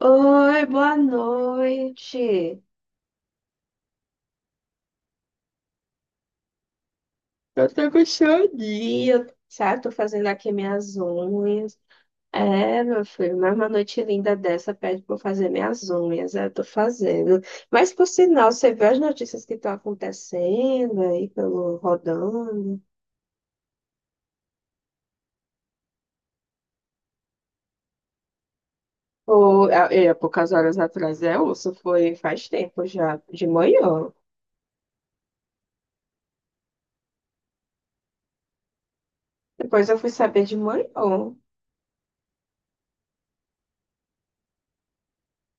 Oi, boa noite. Eu tô com chorinho, sabe? Tô fazendo aqui minhas unhas. É, meu filho, mas uma noite linda dessa pede pra eu fazer minhas unhas. Eu tô fazendo. Mas, por sinal, você vê as notícias que estão acontecendo aí pelo rodando? Poucas horas atrás, isso foi faz tempo já, de manhã. Depois eu fui saber de manhã.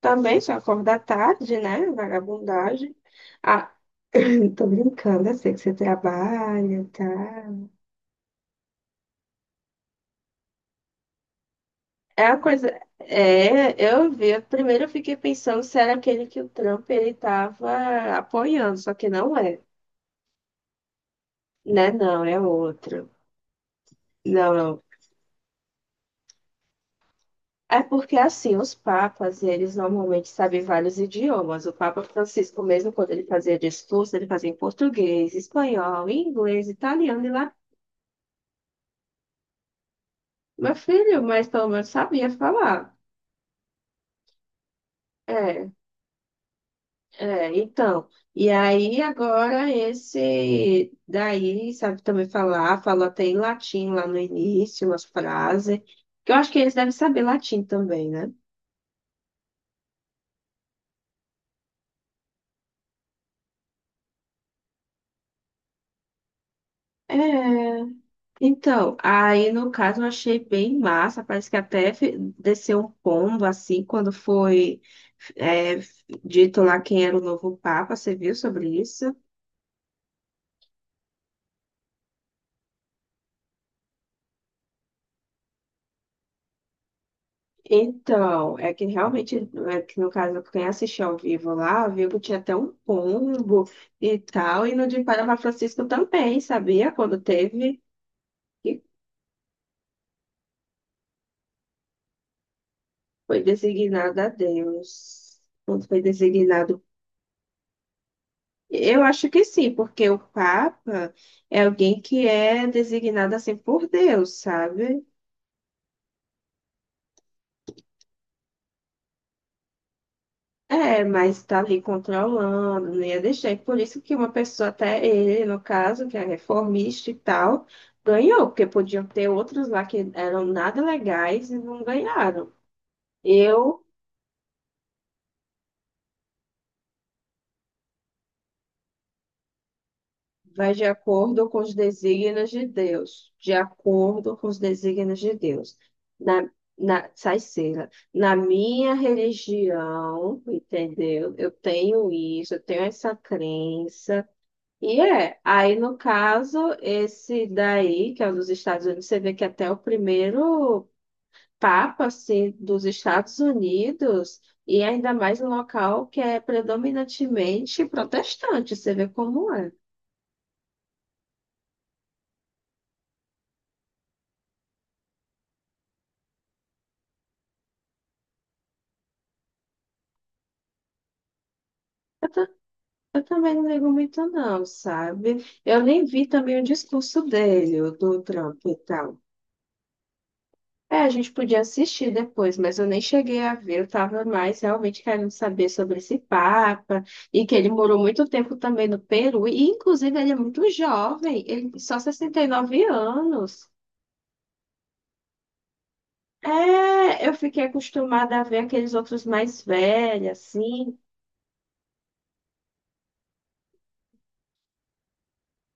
Também só acordar tarde, né? Vagabundagem. Ah, Tô brincando, eu sei que você trabalha, tá? É a coisa. É, eu vi. Primeiro eu fiquei pensando se era aquele que o Trump ele tava apoiando, só que não é. Né? Não, é outro. Não, não. É porque assim, os papas, eles normalmente sabem vários idiomas. O Papa Francisco, mesmo quando ele fazia discurso, ele fazia em português, espanhol, inglês, italiano e... Meu filho, mas pelo menos sabia falar. É, então. E aí, agora, esse daí sabe também falar, falou até em latim lá no início, umas frases. Que eu acho que eles devem saber latim também, né? É, então, aí no caso eu achei bem massa, parece que até desceu um pombo assim quando foi é, dito lá quem era o novo Papa, você viu sobre isso? Então, é que realmente, é que no caso, quem assistiu ao vivo lá, viu que tinha até um pombo e tal, e no de Panamá Francisco também, sabia? Quando teve, que foi designado a Deus. Quando foi designado. Eu acho que sim, porque o Papa é alguém que é designado assim por Deus, sabe? É, mas tá ali controlando, não ia deixar. E por isso que uma pessoa, até ele, no caso, que é reformista e tal, ganhou, porque podiam ter outros lá que eram nada legais e não ganharam. Eu vai de acordo com os desígnios de Deus, de acordo com os desígnios de Deus. Na, sai cera. Na minha religião, entendeu? Eu tenho isso, eu tenho essa crença. E é, aí no caso, esse daí, que é o dos Estados Unidos, você vê que até o primeiro papa, assim, dos Estados Unidos, e ainda mais no local que é predominantemente protestante, você vê como é. Eu também não ligo muito não, sabe? Eu nem vi também o discurso dele, o do Trump e tal. É, a gente podia assistir depois, mas eu nem cheguei a ver. Eu tava mais realmente querendo saber sobre esse Papa e que ele morou muito tempo também no Peru. E, inclusive, ele é muito jovem, ele tem só 69 anos. É, eu fiquei acostumada a ver aqueles outros mais velhos, assim.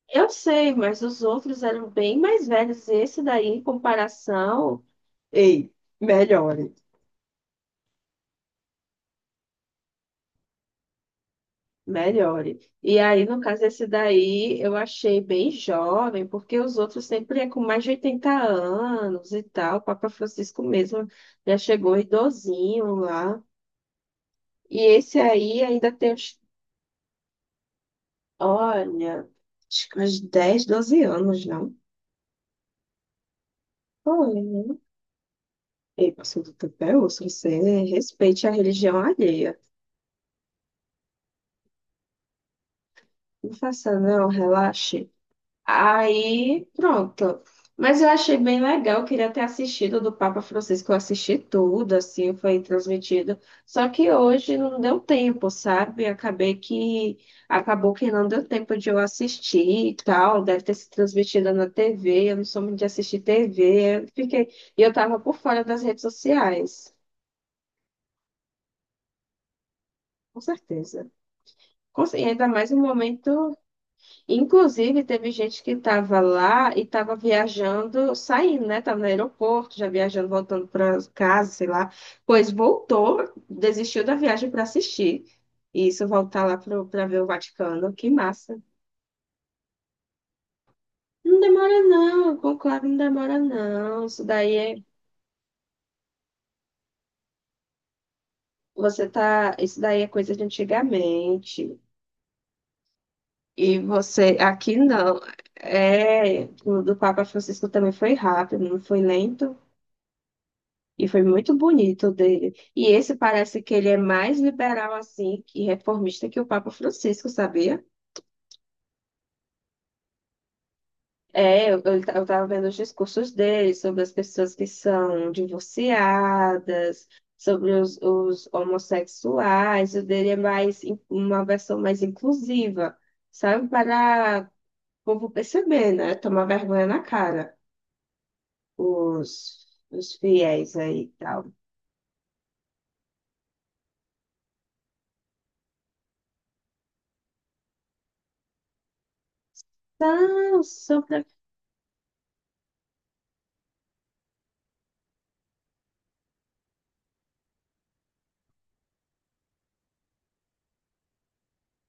Eu sei, mas os outros eram bem mais velhos. Esse daí, em comparação. Ei, melhor. Melhore. E aí, no caso, esse daí eu achei bem jovem, porque os outros sempre é com mais de 80 anos e tal. O Papa Francisco mesmo já chegou idosinho lá. E esse aí ainda tem uns, olha, acho que uns 10 12 anos, não? Olha, né? Ei, pastor do Tapéu, você respeite a religião alheia. Não faça não, relaxe. Aí, pronto. Mas eu achei bem legal, eu queria ter assistido do Papa Francisco, eu assisti tudo, assim, foi transmitido. Só que hoje não deu tempo, sabe? Acabei que acabou que não deu tempo de eu assistir e tal, deve ter sido transmitida na TV, eu não sou muito de assistir TV, eu fiquei, e eu tava por fora das redes sociais, com certeza. E ainda mais no momento. Inclusive, teve gente que estava lá e estava viajando, saindo, né? Estava no aeroporto, já viajando, voltando para casa, sei lá. Pois voltou, desistiu da viagem para assistir. E isso, voltar lá para ver o Vaticano. Que massa. Não demora, não. Conclave não demora, não. Isso daí é, você tá, isso daí é coisa de antigamente. E você, aqui não. É, o do Papa Francisco também foi rápido, não foi lento. E foi muito bonito o dele. E esse parece que ele é mais liberal assim e reformista que o Papa Francisco, sabia? É, eu tava vendo os discursos dele sobre as pessoas que são divorciadas, sobre os homossexuais. O dele é mais uma versão mais inclusiva, sabe? Para o povo perceber, né? Tomar vergonha na cara, os fiéis aí e tal. Nossa.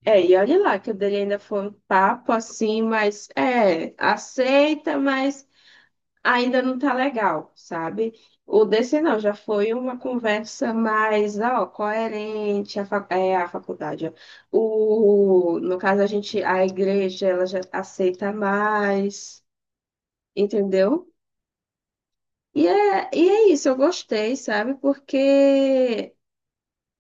É, e olha lá que o dele ainda foi um papo assim, mas é, aceita, mas ainda não tá legal, sabe? O desse não, já foi uma conversa mais, ó, coerente, a faculdade, ó. O, no caso, a gente, a igreja, ela já aceita mais, entendeu? E é isso, eu gostei, sabe? Porque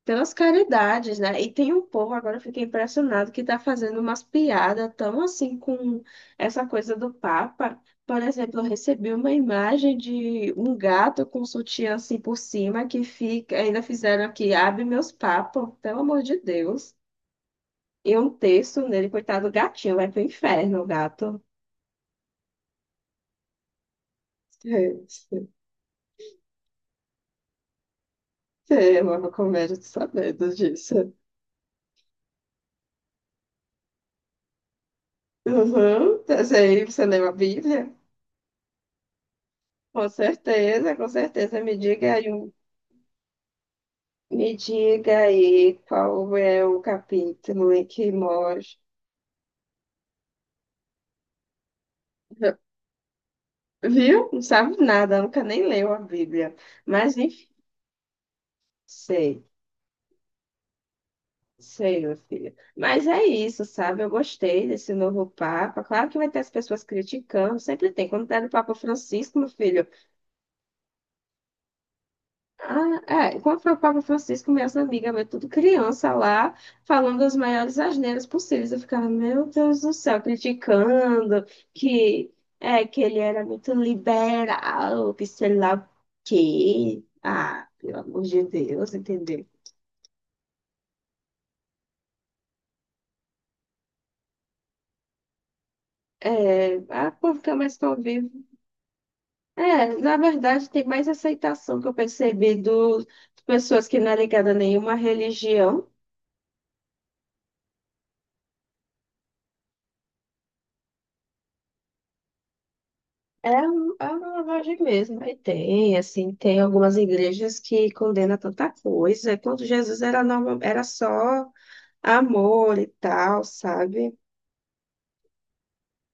pelas caridades, né? E tem um povo, agora eu fiquei impressionado, que tá fazendo umas piadas tão assim com essa coisa do Papa. Por exemplo, eu recebi uma imagem de um gato com sutiã assim por cima que fica, ainda fizeram aqui, abre meus papos, pelo amor de Deus. E um texto nele, coitado do gatinho, vai pro inferno o gato. É uma comédia de sabedos disso. Uhum. Essa aí, você leu a Bíblia? Com certeza, com certeza. Me diga aí. Me diga aí qual é o capítulo em que mostra. Viu? Não sabe nada, nunca nem leu a Bíblia. Mas enfim, sei, sei, meu filho. Mas é isso, sabe? Eu gostei desse novo Papa. Claro que vai ter as pessoas criticando, sempre tem. Quando tá no Papa Francisco, meu filho... Quando foi o Papa Francisco, minhas amigas, meu, tudo criança lá, falando as maiores asneiras possíveis. Eu ficava, meu Deus do céu, criticando que, que ele era muito liberal, que sei lá o quê. Ah, pelo amor de Deus, entendeu? É, a o povo fica mais convivo. É, na verdade, tem mais aceitação que eu percebi de pessoas que não é ligada a nenhuma religião. É, é uma lavagem mesmo. Aí tem, assim, tem algumas igrejas que condenam tanta coisa. Quando Jesus era, normal era só amor e tal, sabe?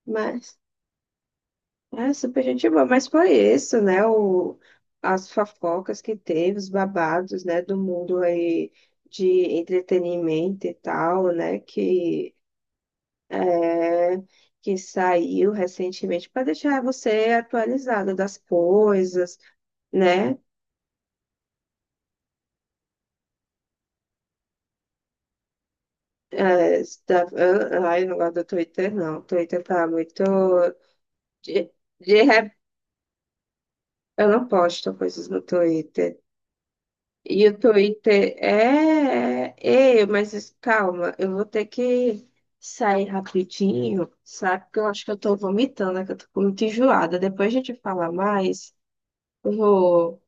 Mas é super gente boa. Mas foi isso, né? O, as fofocas que teve, os babados, né? Do mundo aí de entretenimento e tal, né? Que, é, que saiu recentemente para deixar você atualizado das coisas, né? É, isso tá, eu, ai, eu não gosto do Twitter, não. O Twitter tá muito. De, de, re- eu não posto coisas no Twitter. E o Twitter é. Ei, mas calma, eu vou ter que sair rapidinho, sabe? Porque eu acho que eu tô vomitando, né? Que eu tô muito enjoada. Depois a gente fala mais. Eu vou.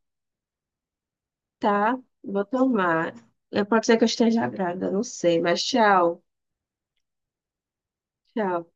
Tá? Vou tomar. Pode ser que eu esteja grávida, não sei, mas tchau. Tchau.